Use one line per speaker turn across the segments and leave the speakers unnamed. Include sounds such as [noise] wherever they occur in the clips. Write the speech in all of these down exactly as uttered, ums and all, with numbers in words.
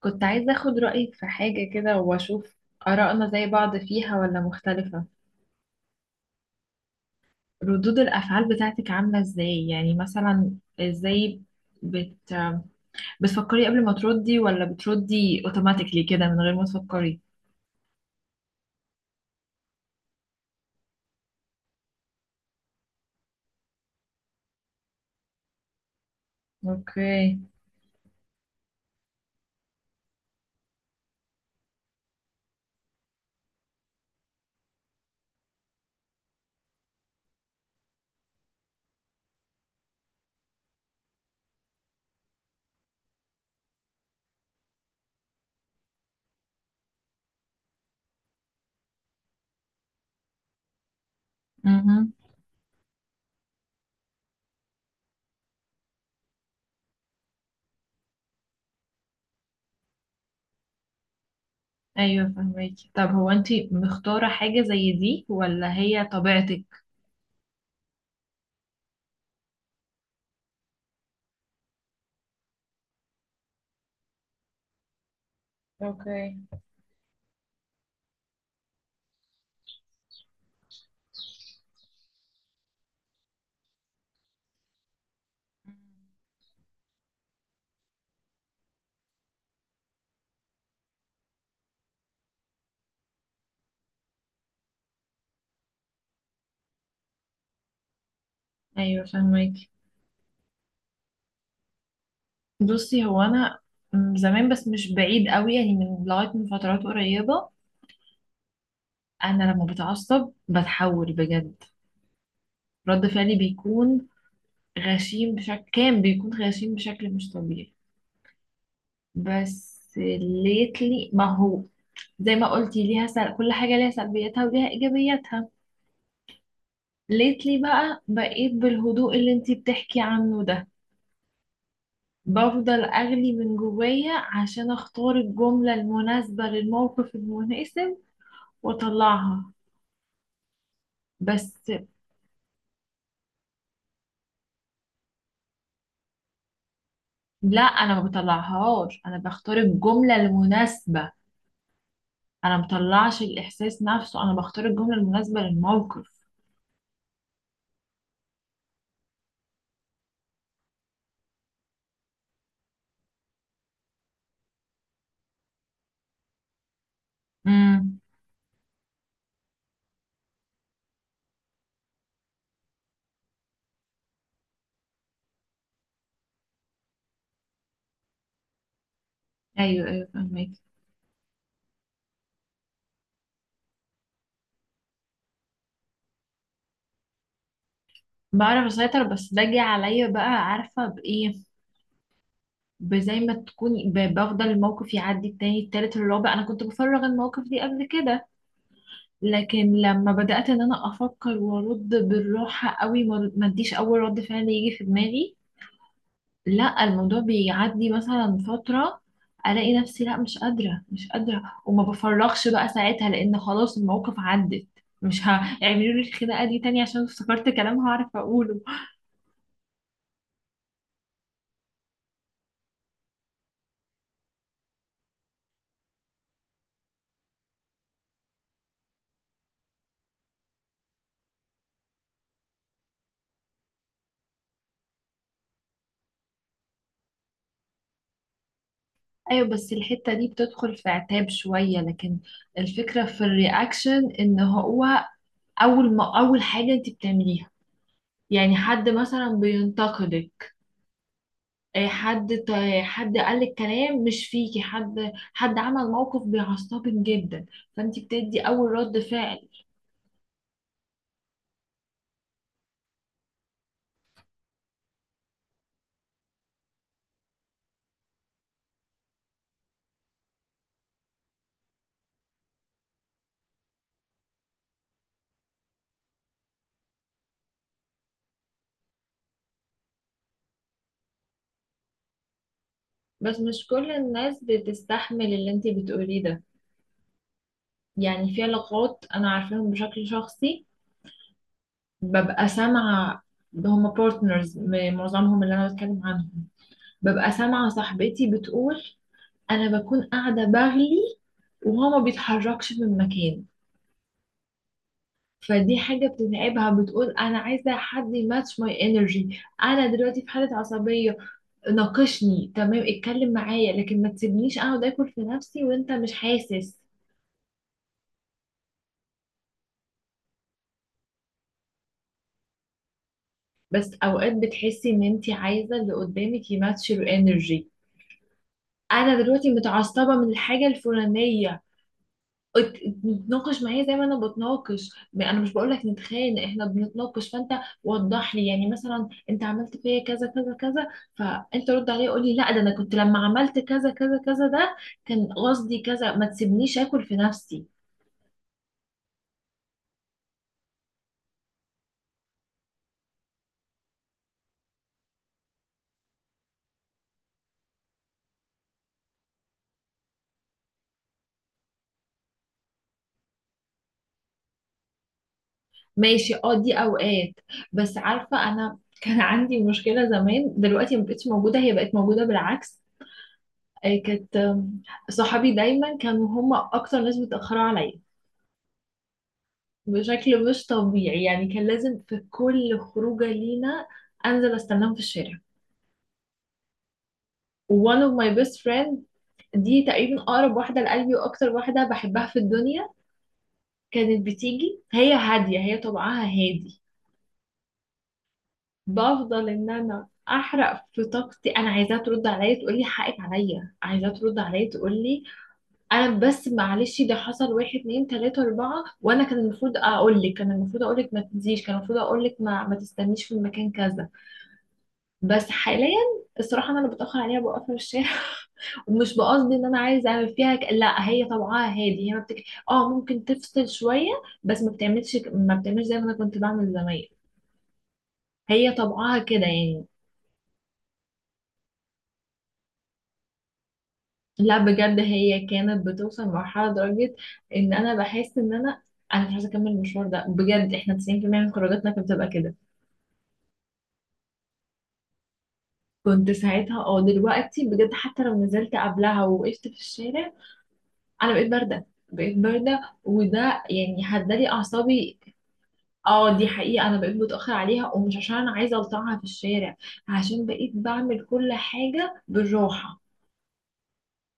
كنت عايزة أخد رأيك في حاجة كده وأشوف آرائنا زي بعض فيها ولا مختلفة. ردود الأفعال بتاعتك عاملة إزاي؟ يعني مثلا إزاي؟ بت... بتفكري قبل ما تردي ولا بتردي أوتوماتيكلي كده من غير ما تفكري؟ أوكي. امم أيوة فهميكي. طب هو أنتي مختارة حاجة زي دي ولا هي طبيعتك؟ اوكي. ايوه فهماكي. بصي، هو انا م- زمان، بس مش بعيد قوي يعني، من لغايه من فترات قريبه انا لما بتعصب بتحول بجد. رد فعلي بيكون غشيم بشكل كان بيكون غشيم بشكل مش طبيعي. بس ليتلي، ما هو زي ما قلتي ليها سل... كل حاجة ليها سلبياتها وليها ايجابياتها. ليتلي بقى بقيت بالهدوء اللي انتي بتحكي عنه ده، بفضل اغلي من جوايا عشان اختار الجملة المناسبة للموقف المناسب واطلعها. بس لا، انا ما بطلعهاش، انا بختار الجملة المناسبة. انا مطلعش الاحساس نفسه، انا بختار الجمله المناسبه للموقف. امم. ايوه ايوه فهمك. بعرف اسيطر، بس باجي عليا بقى، عارفه بايه؟ بزي ما تكوني ب- بفضل الموقف يعدي التاني التالت الرابع. انا كنت بفرغ المواقف دي قبل كده، لكن لما بدات ان انا افكر وارد بالراحه قوي، ما ما اديش اول رد فعل يجي في دماغي. لا، الموضوع بيعدي مثلا فترة، الاقي نفسي لا مش قادرة، مش قادرة، وما بفرغش بقى ساعتها، لان خلاص المواقف عدت. مش هيعملوا لي الخناقة دي تاني عشان افتكرت كلام هعرف اقوله. ايوه، بس الحتة دي بتدخل في عتاب شوية، لكن الفكرة في الرياكشن ان هو اول ما اول حاجة انت بتعمليها. يعني حد مثلا بينتقدك، آه، حد ت- حد قال الكلام مش فيكي، حد حد عمل موقف بيعصبك جدا، فانت بتدي اول رد فعل. بس مش كل الناس بتستحمل اللي انت بتقوليه ده، يعني في علاقات انا عارفاهم بشكل شخصي، ببقى سامعه. ده هما بارتنرز معظمهم اللي انا بتكلم عنهم. ببقى سامعه صاحبتي بتقول، انا بكون قاعده بغلي وهو ما بيتحركش من مكانه. فدي حاجة بتتعبها. بتقول أنا عايزة حد يماتش ماي انرجي، أنا دلوقتي في حالة عصبية، ناقشني تمام، اتكلم معايا، لكن ما تسيبنيش أقعد آكل في نفسي وأنت مش حاسس. بس أوقات بتحسي إن أنت عايزة اللي قدامك يماتش الانرجي، أنا دلوقتي متعصبة من الحاجة الفلانية، ات- نتناقش معايا زي ما انا بتناقش، ما انا مش بقول لك نتخانق، احنا بنتناقش. فانت وضح لي يعني، مثلا انت عملت فيا كذا كذا كذا، فانت رد عليا قول لي لا، ده انا كنت لما عملت كذا كذا كذا ده كان قصدي كذا، ما تسيبنيش اكل في نفسي. ماشي اه. دي اوقات بس، عارفه انا [laughs] كان عندي مشكله زمان، دلوقتي ما بقتش موجوده، هي بقت موجوده بالعكس. آه، كانت آم، صحابي دايما كانوا هم اكتر ناس بيتاخروا عليا بشكل مش طبيعي، يعني كان لازم في كل خروجة لينا أنزل أستناهم في الشارع. one of my best friend، دي تقريبا أقرب واحدة لقلبي وأكتر واحدة بحبها في الدنيا، كانت بتيجي، هي هادية، هي طبعها هادي، بفضل إن أنا أحرق في طاقتي. أنا عايزاها ترد عليا تقول لي حقك عليا، عايزاها ترد عليا تقول لي أنا بس معلش ده حصل واحد اتنين تلاتة أربعة، وأنا كان المفروض أقول لك، كان المفروض أقول لك ما تنزيش، كان المفروض أقول لك ما, ما تستنيش في المكان كذا. بس حاليا الصراحة أنا اللي بتأخر عليها بوقفها في الشارع [laughs] ومش بقصد إن أنا عايزة أعمل فيها ك... لا، هي طبعها هادي، هي ما بتك... آه ممكن تفصل شوية، بس ما بتعملش ك- ما بتعملش زي ما أنا كنت بعمل زمان. هي طبعها كده يعني. لا بجد هي كانت بتوصل لمرحلة درجة إن أنا بحس إن أنا أنا مش عايزة أكمل المشوار ده بجد. إحنا تسعين بالمية من خروجاتنا كانت بتبقى كده. كنت ساعتها اه، دلوقتي بجد حتى لو نزلت قبلها ووقفت في الشارع انا بقيت بارده، بقيت بارده، وده يعني هدالي اعصابي. اه دي حقيقه، انا بقيت متاخر عليها، ومش عشان انا عايزه الطعها في الشارع، عشان بقيت بعمل كل حاجه بالراحه.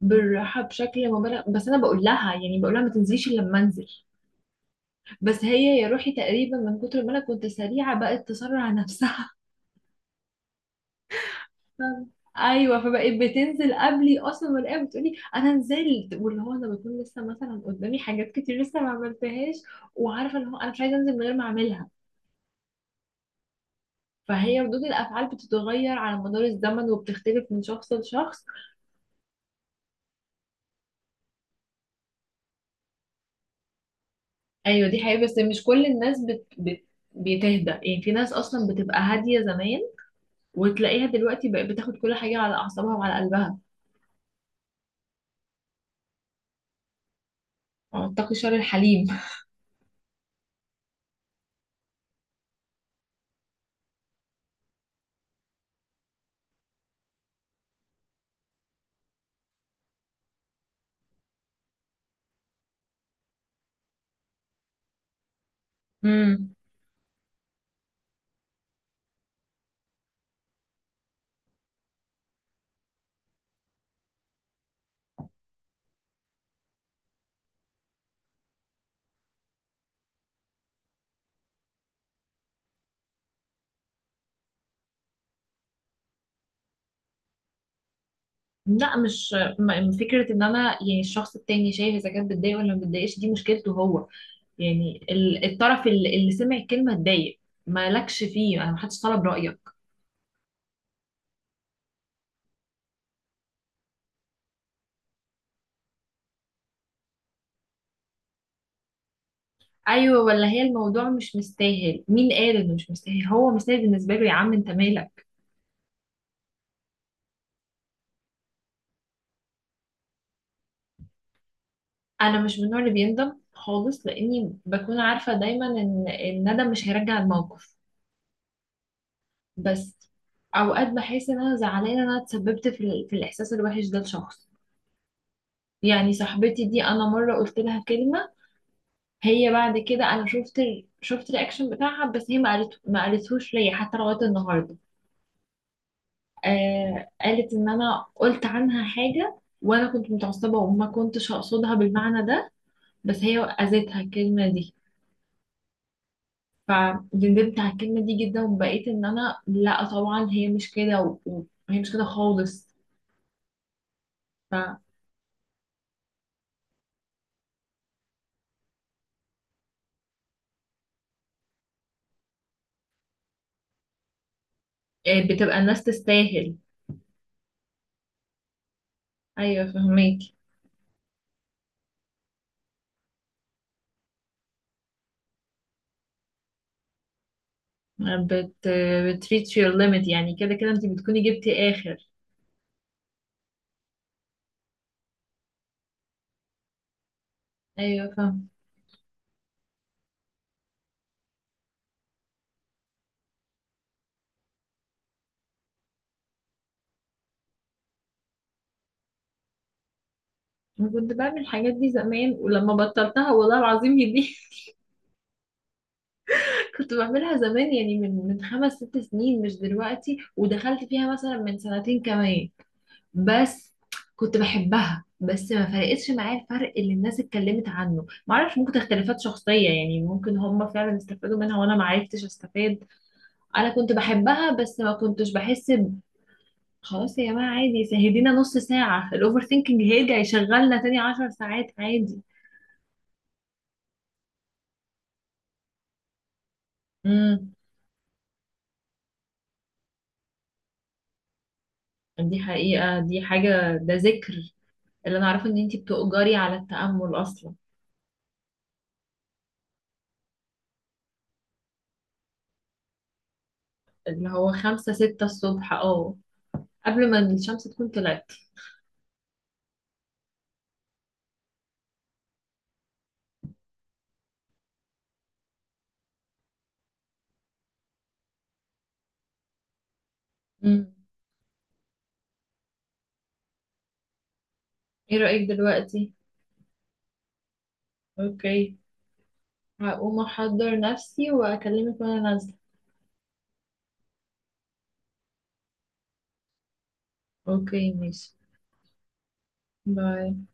بالراحه بشكل مبالغ، بس انا بقول لها يعني بقول لها ما تنزليش الا لما انزل. بس هي يا روحي تقريبا من كتر ما انا كنت سريعه بقت تسرع نفسها. ايوه فبقيت بتنزل قبلي اصلا، والاقيها بتقولي انا نزلت، واللي هو انا بكون لسه مثلا قدامي حاجات كتير لسه ما عملتهاش، وعارفه اللي هو انا مش عايزه انزل من غير ما اعملها. فهي ردود الافعال بتتغير على مدار الزمن وبتختلف من شخص لشخص. ايوه دي حقيقه، بس مش كل الناس بت... بت... بتهدى يعني. في ناس اصلا بتبقى هاديه زمان وتلاقيها دلوقتي بقت بتاخد كل حاجه على اعصابها وعلى قلبها. اتقي شر الحليم. امم. لا مش م- فكرة ان انا يعني الشخص التاني شايف اذا كانت بتضايق ولا ما بتضايقش، دي مشكلته هو. يعني ال- الطرف ال- اللي سمع الكلمة اتضايق، مالكش فيه، انا محدش طلب رأيك. ايوه، ولا هي الموضوع مش مستاهل، مين قال انه مش مستاهل؟ هو مستاهل بالنسبة له، يا عم انت مالك. انا مش من النوع اللي بيندم خالص، لاني بكون عارفة دايما ان الندم مش هيرجع الموقف. بس اوقات بحس ان انا زعلانة ان انا اتسببت في, ال- في الاحساس الوحش ده لشخص. يعني صاحبتي دي انا مرة قلت لها كلمة، هي بعد كده انا شفت ال... شفت الرياكشن بتاعها، بس هي ما قالت ما قالتهوش ليا حتى لغايه النهارده. آه قالت ان انا قلت عنها حاجه وانا كنت متعصبه وما كنتش اقصدها بالمعنى ده، بس هي اذتها الكلمه دي، فندمت على الكلمه دي جدا، وبقيت ان انا لا طبعا هي مش كده و- و- وهي مش كده خالص. ف آه، بتبقى الناس تستاهل. ايوه فهميكي. بت بتريتش يور ليميت، يعني كده كده انت بتكوني جبتي اخر. ايوه. أنا كنت بعمل الحاجات دي زمان، ولما بطلتها والله العظيم هي دي [laughs] كنت بعملها زمان، يعني من من خمس ست سنين، مش دلوقتي، ودخلت فيها مثلا من سنتين كمان. بس كنت بحبها، بس ما فرقتش معايا الفرق اللي الناس اتكلمت عنه. ما اعرفش، ممكن اختلافات شخصية يعني، ممكن هم فعلا استفادوا منها وانا ما عرفتش استفاد. انا كنت بحبها بس ما كنتش بحس ب- خلاص يا جماعة عادي، سهدينا نص ساعة الاوفر ثينكينج هيرجع يشغلنا تاني عشر ساعات. عادي، دي حقيقة، دي حاجة، ده ذكر. اللي أنا أعرفه إن أنتي بتؤجري على التأمل أصلا. اللي هو خمسة ستة الصبح اه، قبل ما الشمس تكون طلعت. مم. ايه رأيك دلوقتي؟ اوكي. هقوم أحضر نفسي وأكلمك وأنا نازلة. اوكي ماشي. باي.